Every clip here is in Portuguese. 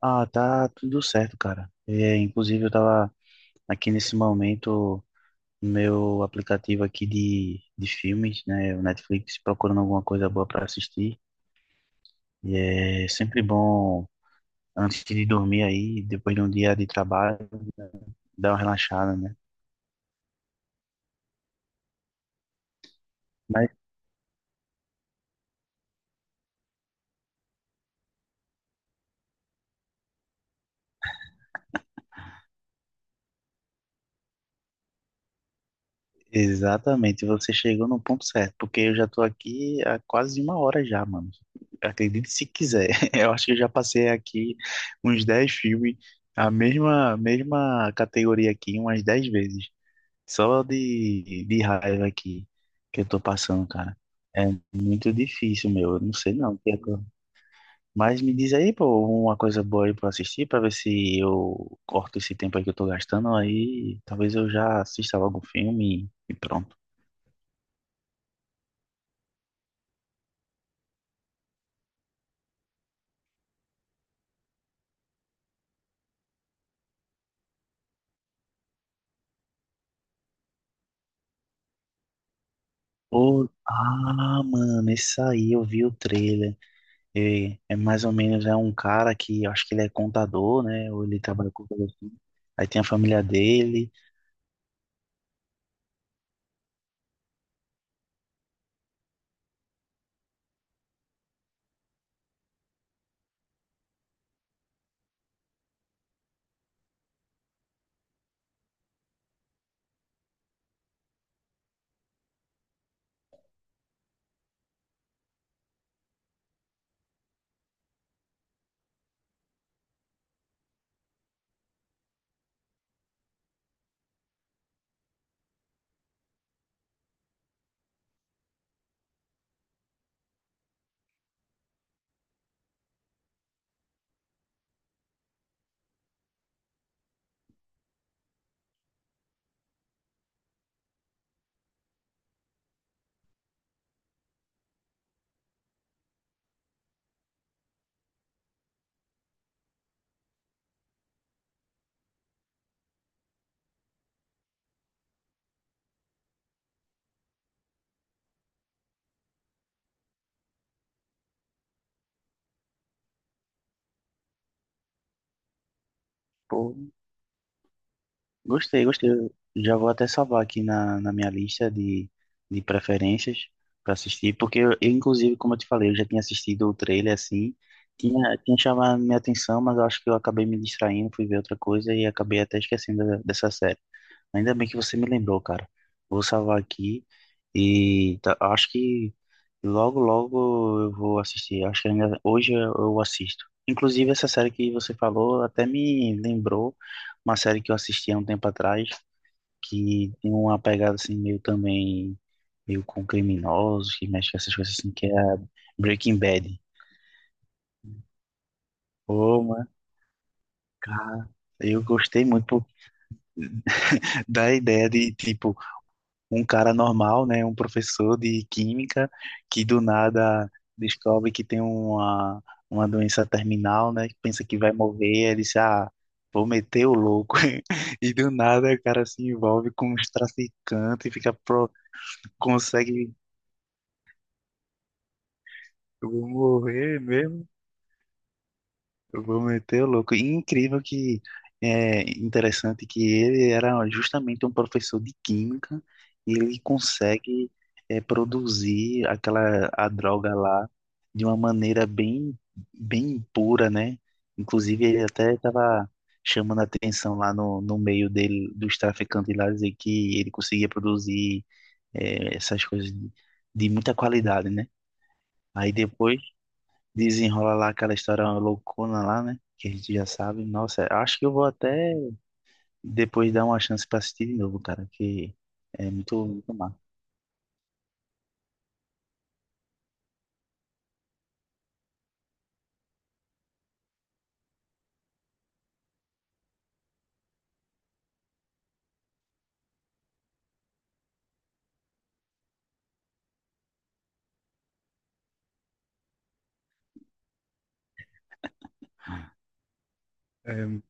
Ah, tá tudo certo, cara. É, inclusive, eu tava aqui nesse momento no meu aplicativo aqui de filmes, né? O Netflix, procurando alguma coisa boa para assistir. E é sempre bom, antes de dormir aí, depois de um dia de trabalho, dar uma relaxada, né? Mas Exatamente, você chegou no ponto certo, porque eu já tô aqui há quase 1 hora já, mano. Acredite se quiser. Eu acho que eu já passei aqui uns 10 filmes, a mesma categoria aqui umas 10 vezes, só de raiva aqui que eu tô passando, cara. É muito difícil, meu. Eu não sei não. o que é que eu- Mas me diz aí, pô, uma coisa boa aí pra assistir, pra ver se eu corto esse tempo aí que eu tô gastando, aí talvez eu já assista logo um filme e pronto. Ô, ah, mano, esse aí eu vi o trailer. É, mais ou menos é um cara que eu acho que ele é contador, né? Ou ele trabalha com coisa assim. Aí tem a família dele. Pô, gostei, gostei. Eu já vou até salvar aqui na minha lista de preferências para assistir, porque eu, inclusive, como eu te falei, eu já tinha assistido o trailer assim. Tinha chamado minha atenção, mas eu acho que eu acabei me distraindo, fui ver outra coisa e acabei até esquecendo dessa série. Ainda bem que você me lembrou, cara. Vou salvar aqui e acho que logo, logo eu vou assistir. Acho que ainda hoje eu assisto. Inclusive, essa série que você falou até me lembrou uma série que eu assisti há um tempo atrás, que tem uma pegada assim meio também, meio com criminosos, que mexe com essas coisas assim, que é a Breaking Bad. Pô, mano, cara, eu gostei muito da ideia de, tipo, um cara normal, né, um professor de química que do nada descobre que tem uma doença terminal, né, que pensa que vai morrer, ele diz, ah, vou meter o louco. E do nada o cara se envolve com os traficantes, consegue, eu vou morrer mesmo. Eu vou meter o louco. E incrível que é interessante que ele era justamente um professor de química e ele consegue produzir aquela a droga lá de uma maneira bem bem pura, né? Inclusive ele até estava chamando a atenção lá no meio dele dos traficantes lá dizer que ele conseguia produzir essas coisas de muita qualidade, né? Aí depois desenrola lá aquela história loucona lá, né? Que a gente já sabe. Nossa, acho que eu vou até depois dar uma chance pra assistir de novo, cara, que é muito, muito massa. É,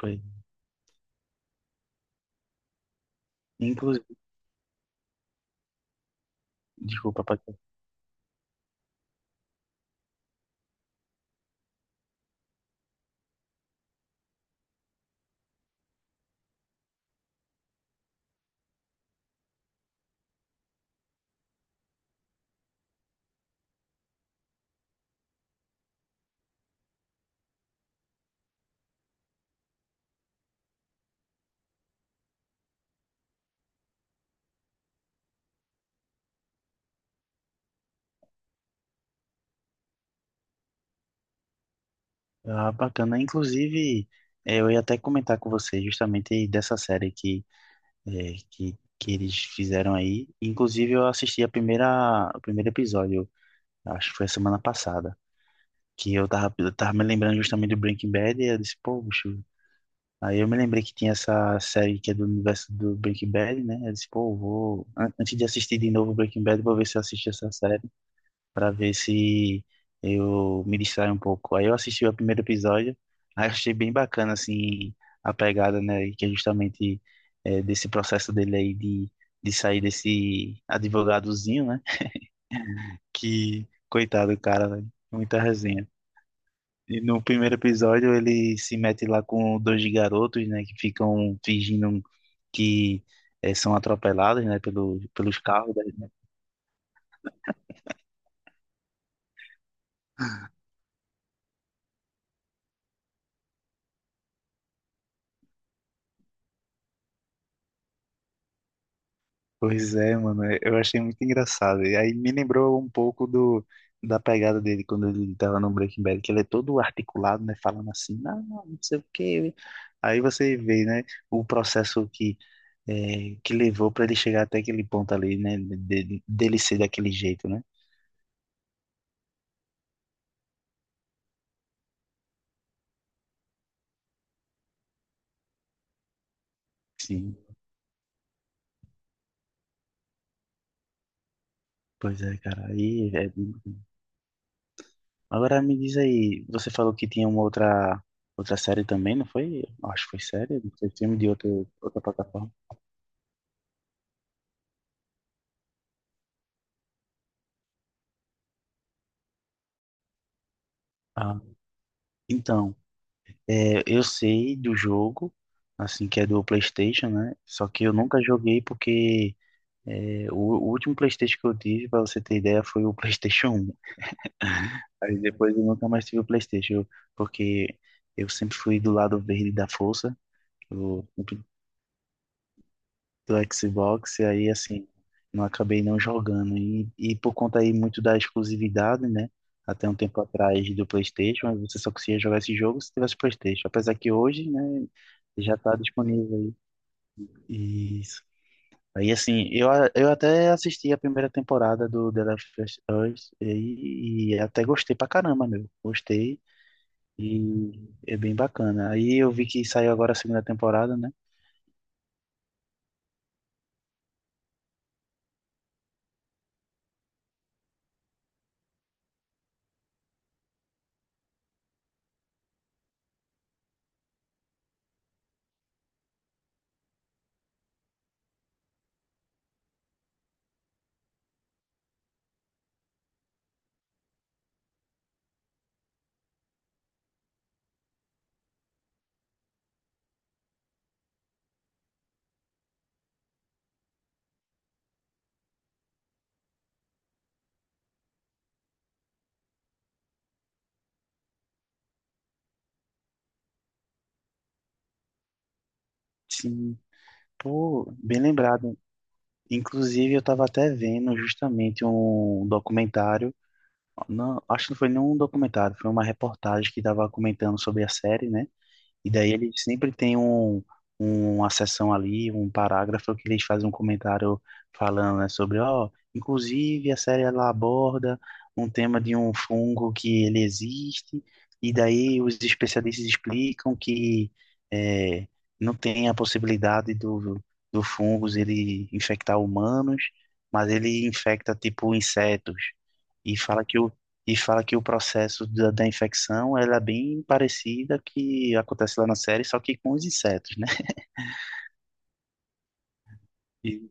foi. Inclusive, desculpa, Paquita. Ah, bacana. Inclusive, eu ia até comentar com você justamente dessa série que eles fizeram aí. Inclusive, eu assisti o primeiro episódio, acho que foi a semana passada, que eu tava me lembrando justamente do Breaking Bad e eu disse, pô, bicho. Aí eu me lembrei que tinha essa série que é do universo do Breaking Bad, né? Eu disse, pô, eu vou. Antes de assistir de novo Breaking Bad, vou ver se eu assisto essa série, pra ver se eu me distraio um pouco. Aí eu assisti o primeiro episódio, aí eu achei bem bacana, assim, a pegada, né? Que é justamente desse processo dele aí de sair desse advogadozinho, né? Que, coitado, do cara, velho, muita resenha. E no primeiro episódio ele se mete lá com dois garotos, né, que ficam fingindo um que são atropeladas, né, pelos carros, né? Pois é, mano, eu achei muito engraçado. E aí me lembrou um pouco da pegada dele quando ele tava no Breaking Bad, que ele é todo articulado, né, falando assim, não, não sei o quê. Aí você vê, né, o processo que levou para ele chegar até aquele ponto ali, né, dele ser daquele jeito, né? Sim, pois é, cara. Aí é Agora me diz aí, você falou que tinha outra série também, não foi? Acho que foi série, não sei, filme de outra plataforma. Ah, então, é, eu sei do jogo, assim, que é do PlayStation, né? Só que eu nunca joguei porque o último PlayStation que eu tive, pra você ter ideia, foi o PlayStation 1. Aí depois eu nunca mais tive o PlayStation, porque eu sempre fui do lado verde da força. Eu sempre do Xbox, e aí assim, não acabei não jogando. E, por conta aí muito da exclusividade, né? Até um tempo atrás do PlayStation, aí você só conseguia jogar esse jogo se tivesse PlayStation. Apesar que hoje, né, já tá disponível aí. Isso. Aí assim, eu até assisti a primeira temporada do The Last of Us e até gostei pra caramba, meu. Gostei e é bem bacana. Aí eu vi que saiu agora a segunda temporada, né? Sim, pô, bem lembrado. Inclusive, eu estava até vendo justamente um documentário, não, acho que não foi nenhum documentário, foi uma reportagem que estava comentando sobre a série, né? E daí ele sempre tem uma seção ali, um parágrafo que eles fazem um comentário falando, né, sobre, ó, inclusive a série ela aborda um tema de um fungo que ele existe, e daí os especialistas explicam que é, não tem a possibilidade do fungos ele infectar humanos, mas ele infecta tipo insetos. E fala que o e fala que o processo da infecção ela é bem parecida que acontece lá na série, só que com os insetos, né? E,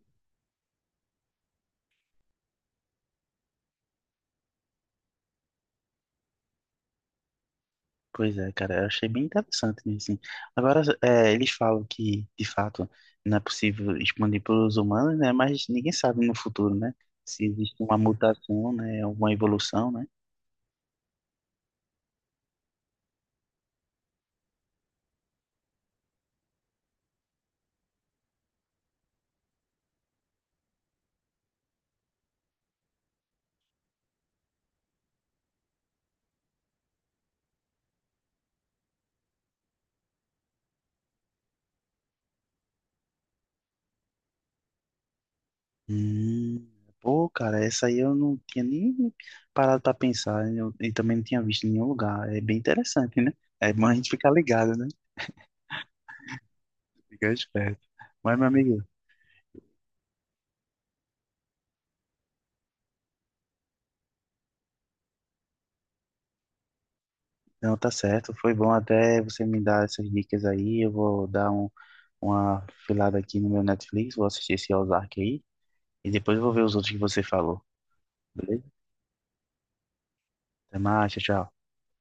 pois é, cara, eu achei bem interessante nisso. Assim. Agora, eles falam que, de fato, não é possível expandir para os humanos, né? Mas ninguém sabe no futuro, né? Se existe uma mutação, né? Alguma evolução, né? Hum, pô, cara, essa aí eu não tinha nem parado para pensar e também não tinha visto em nenhum lugar. É bem interessante, né? É bom a gente ficar ligado, né? Fica esperto. Mas, meu amigo, não tá certo. Foi bom até você me dar essas dicas aí. Eu vou dar uma filada aqui no meu Netflix, vou assistir esse Ozark aí. E depois eu vou ver os outros que você falou. Beleza? Até mais, tchau, tchau.